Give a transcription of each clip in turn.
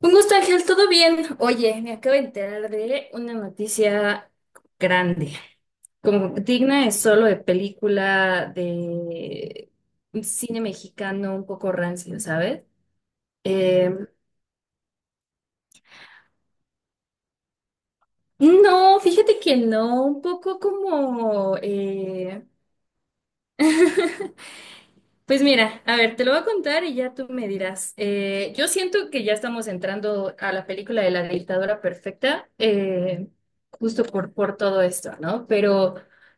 Un gusto, Ángel, ¿todo bien? Oye, me acabo de enterar de una noticia grande, como digna es solo de película de cine mexicano un poco rancio, ¿sabes? Eh, no, fíjate que no, un poco como Pues mira, a ver, te lo voy a contar y ya tú me dirás. Yo siento que ya estamos entrando a la película de la dictadura perfecta, justo por todo esto, ¿no? Pero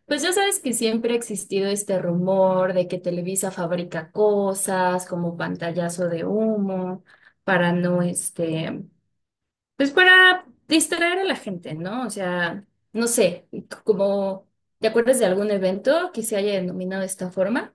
pues ya sabes que siempre ha existido este rumor de que Televisa fabrica cosas como pantallazo de humo para no, pues para distraer a la gente, ¿no? O sea, no sé, como, ¿te acuerdas de algún evento que se haya denominado de esta forma?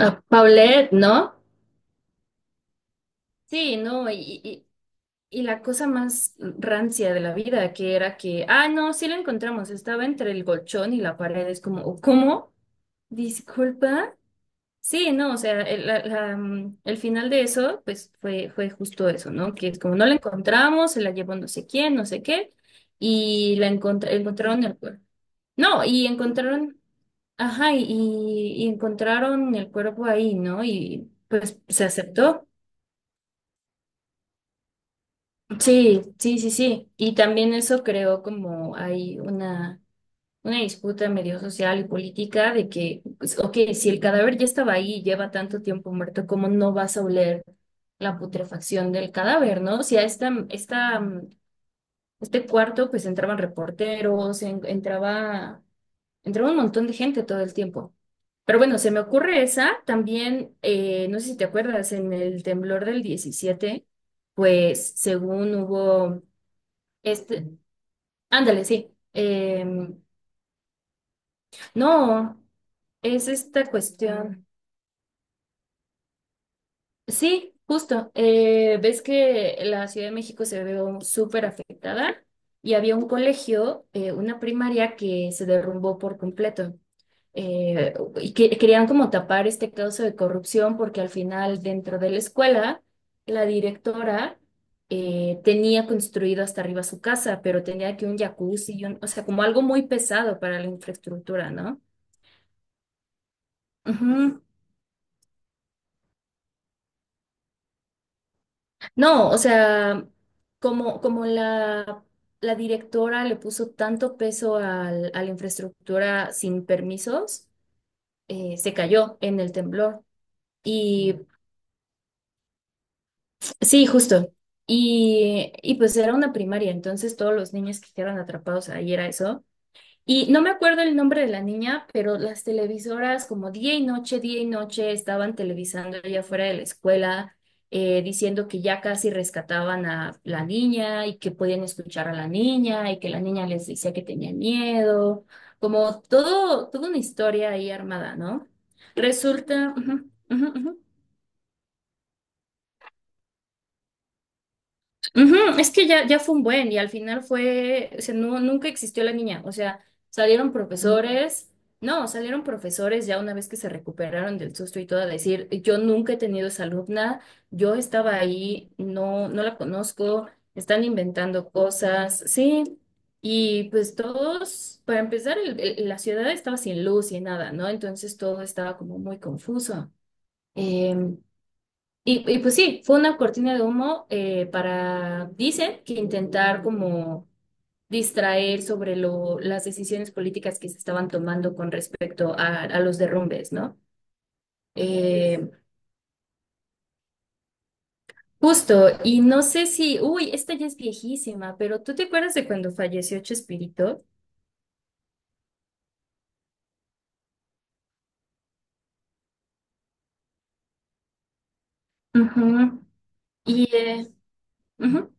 Ah, Paulette, ¿no? Sí, no, y la cosa más rancia de la vida, que era que, ah, no, sí lo encontramos, estaba entre el colchón y la pared, es como, "Oh, ¿cómo? Disculpa." Sí, no, o sea, el, la- la, mm, el final de eso, pues fue justo eso, ¿no? Que es como no la encontramos, se la llevó no sé quién, no sé qué, y la encontraron el cuerpo. No, y encontraron, ajá, y encontraron el cuerpo ahí, ¿no? Y pues se aceptó. Sí, sí, sí, sí. Y también eso creó como hay una disputa medio social y política de que, pues, ok, si el cadáver ya estaba ahí y lleva tanto tiempo muerto, ¿cómo no vas a oler la putrefacción del cadáver, no? Si a este cuarto pues entraban reporteros, entraba un montón de gente todo el tiempo. Pero bueno, se me ocurre esa. También, no sé si te acuerdas, en el temblor del 17, pues según hubo este, ándale, sí. No, es esta cuestión. Sí, justo. Ves que la Ciudad de México se vio súper afectada y había un colegio, una primaria que se derrumbó por completo. Eh, y que, querían como tapar este caso de corrupción porque al final dentro de la escuela la directora tenía construido hasta arriba su casa, pero tenía que un jacuzzi, o sea, como algo muy pesado para la infraestructura, ¿no? Ujú. No, o sea, como la directora le puso tanto peso a la infraestructura sin permisos, se cayó en el temblor. Y sí, justo. Y pues era una primaria, entonces todos los niños que quedaron atrapados ahí era eso. Y no me acuerdo el nombre de la niña, pero las televisoras como día y noche estaban televisando allá afuera de la escuela, diciendo que ya casi rescataban a la niña y que podían escuchar a la niña y que la niña les decía que tenía miedo, como todo, toda una historia ahí armada, ¿no? Resulta, ujú, ujú, ujú. Ujú. Es que ya, ya fue un buen y al final fue, o sea, no, nunca existió la niña, o sea, salieron profesores, no, salieron profesores ya una vez que se recuperaron del susto y todo a decir, yo nunca he tenido esa alumna, yo estaba ahí, no, no la conozco, están inventando cosas, sí, y pues todos, para empezar, la ciudad estaba sin luz y nada, ¿no? Entonces todo estaba como muy confuso. em, y pues sí, fue una cortina de humo para, dicen, que intentar como distraer sobre las decisiones políticas que se estaban tomando con respecto a los derrumbes, ¿no? Eh, justo, y no sé si, uy, esta ya es viejísima, pero ¿tú te acuerdas de cuando falleció Chespirito? Ujú. Y ujú.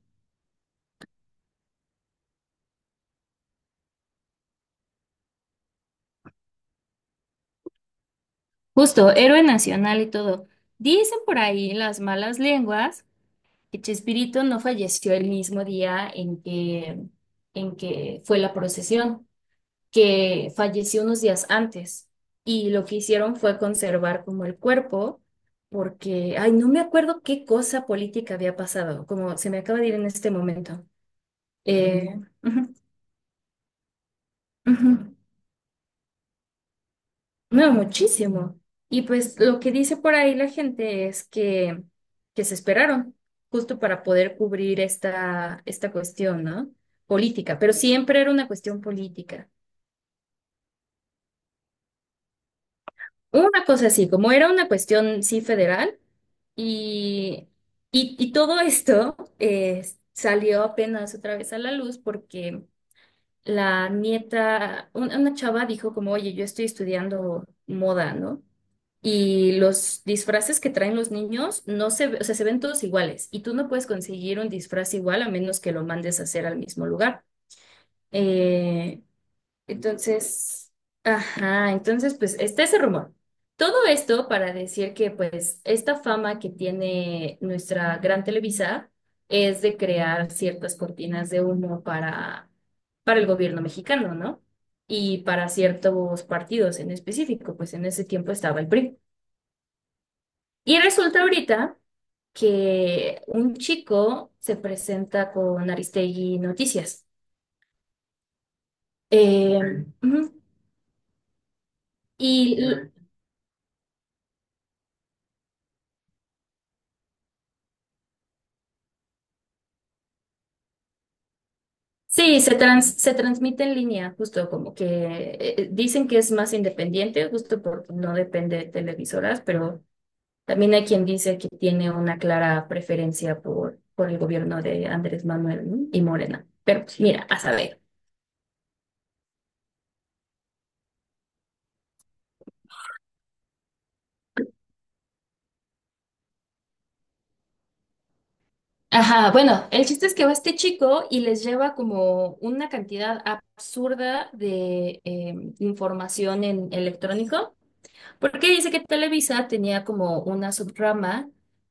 Justo, héroe nacional y todo. Dicen por ahí las malas lenguas que Chespirito no falleció el mismo día en que fue la procesión, que falleció unos días antes. Y lo que hicieron fue conservar como el cuerpo, porque, ay, no me acuerdo qué cosa política había pasado, como se me acaba de ir en este momento. Eh, ujú, ujú. No, muchísimo. Y pues lo que dice por ahí la gente es que se esperaron justo para poder cubrir esta cuestión, ¿no? Política, pero siempre era una cuestión política. Una cosa así, como era una cuestión, sí, federal, y, y todo esto salió apenas otra vez a la luz porque la nieta, una chava dijo como, oye, yo estoy estudiando moda, ¿no? Y los disfraces que traen los niños no se, ve- o sea, se ven todos iguales y tú no puedes conseguir un disfraz igual a menos que lo mandes a hacer al mismo lugar. Eh, entonces, ajá, entonces pues está ese rumor. Todo esto para decir que pues esta fama que tiene nuestra gran Televisa es de crear ciertas cortinas de humo para el gobierno mexicano, ¿no? Y para ciertos partidos en específico, pues en ese tiempo estaba el PRI. Y resulta ahorita que un chico se presenta con Aristegui Noticias. Eh, ujú, y ok. Sí, se transmite en línea, justo como que dicen que es más independiente, justo porque no depende de televisoras, pero también hay quien dice que tiene una clara preferencia por el gobierno de Andrés Manuel, ¿no?, y Morena. Pero pues, mira, a saber. Ajá, bueno, el chiste es que va este chico y les lleva como una cantidad absurda de información en electrónico. Porque dice que Televisa tenía como una subrama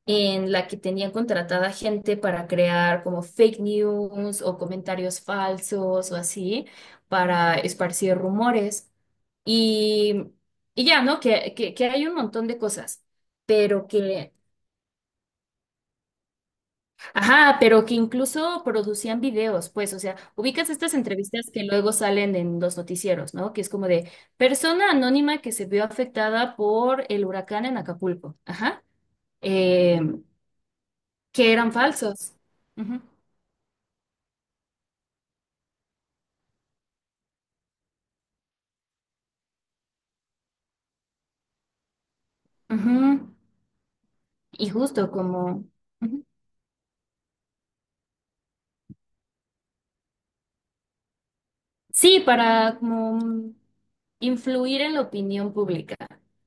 en la que tenían contratada gente para crear como fake news o comentarios falsos o así para esparcir rumores. Y, y ya, ¿no? Que hay un montón de cosas, pero que, ajá, pero que incluso producían videos, pues, o sea, ubicas estas entrevistas que luego salen en los noticieros, ¿no? Que es como de persona anónima que se vio afectada por el huracán en Acapulco. Ajá. eh, que eran falsos. Ujú, ujú. Y justo como, ujú. Sí, para como influir en la opinión pública.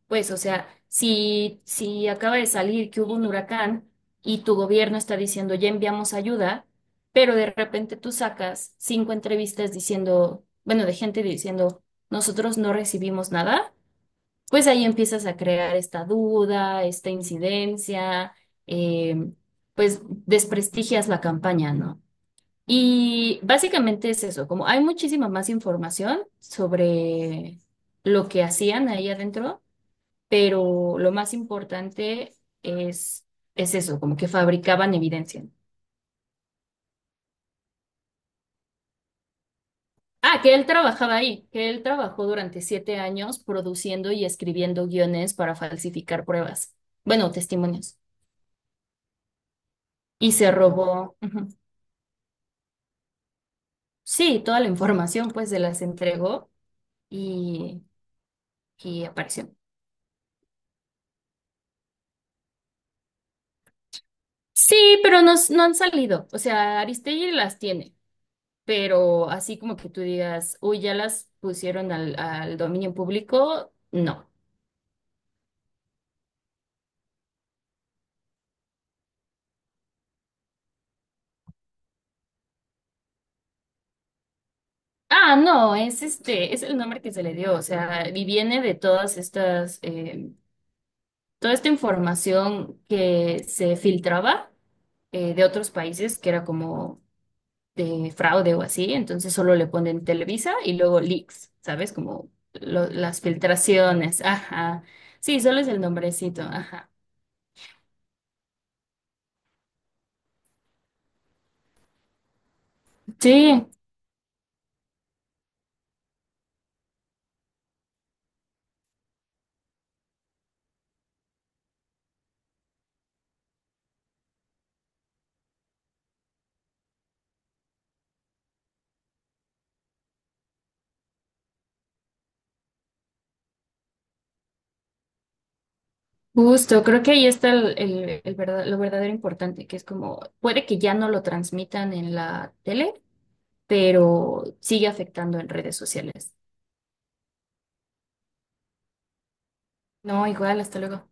Pues, o sea, si acaba de salir que hubo un huracán y tu gobierno está diciendo ya enviamos ayuda, pero de repente tú sacas cinco entrevistas diciendo, bueno, de gente diciendo, nosotros no recibimos nada, pues ahí empiezas a crear esta duda, esta incidencia, eh, pues desprestigias la campaña, ¿no? Y básicamente es eso, como hay muchísima más información sobre lo que hacían ahí adentro, pero lo más importante es, es eso, como que fabricaban evidencia. Ah, que él trabajaba ahí, que él trabajó durante 7 años produciendo y escribiendo guiones para falsificar pruebas, bueno, testimonios, y se robó. Ujú. Sí, toda la información pues se las entregó y, y apareció. Sí, pero no, s- no han salido. O sea, Aristegui las tiene, pero así como que tú digas, uy, ya las pusieron al, al dominio público, no. Ah, no, es este, es el nombre que se le dio. O sea, y viene de todas estas, toda esta información que se filtraba de otros países, que era como de fraude o así, entonces solo le ponen Televisa y luego leaks, ¿sabes? Como las filtraciones, ajá. Sí, solo es el nombrecito, ajá. Sí, justo, creo que ahí está lo verdadero importante, que es como, puede que ya no lo transmitan en la tele, pero sigue afectando en redes sociales. No, igual, hasta luego.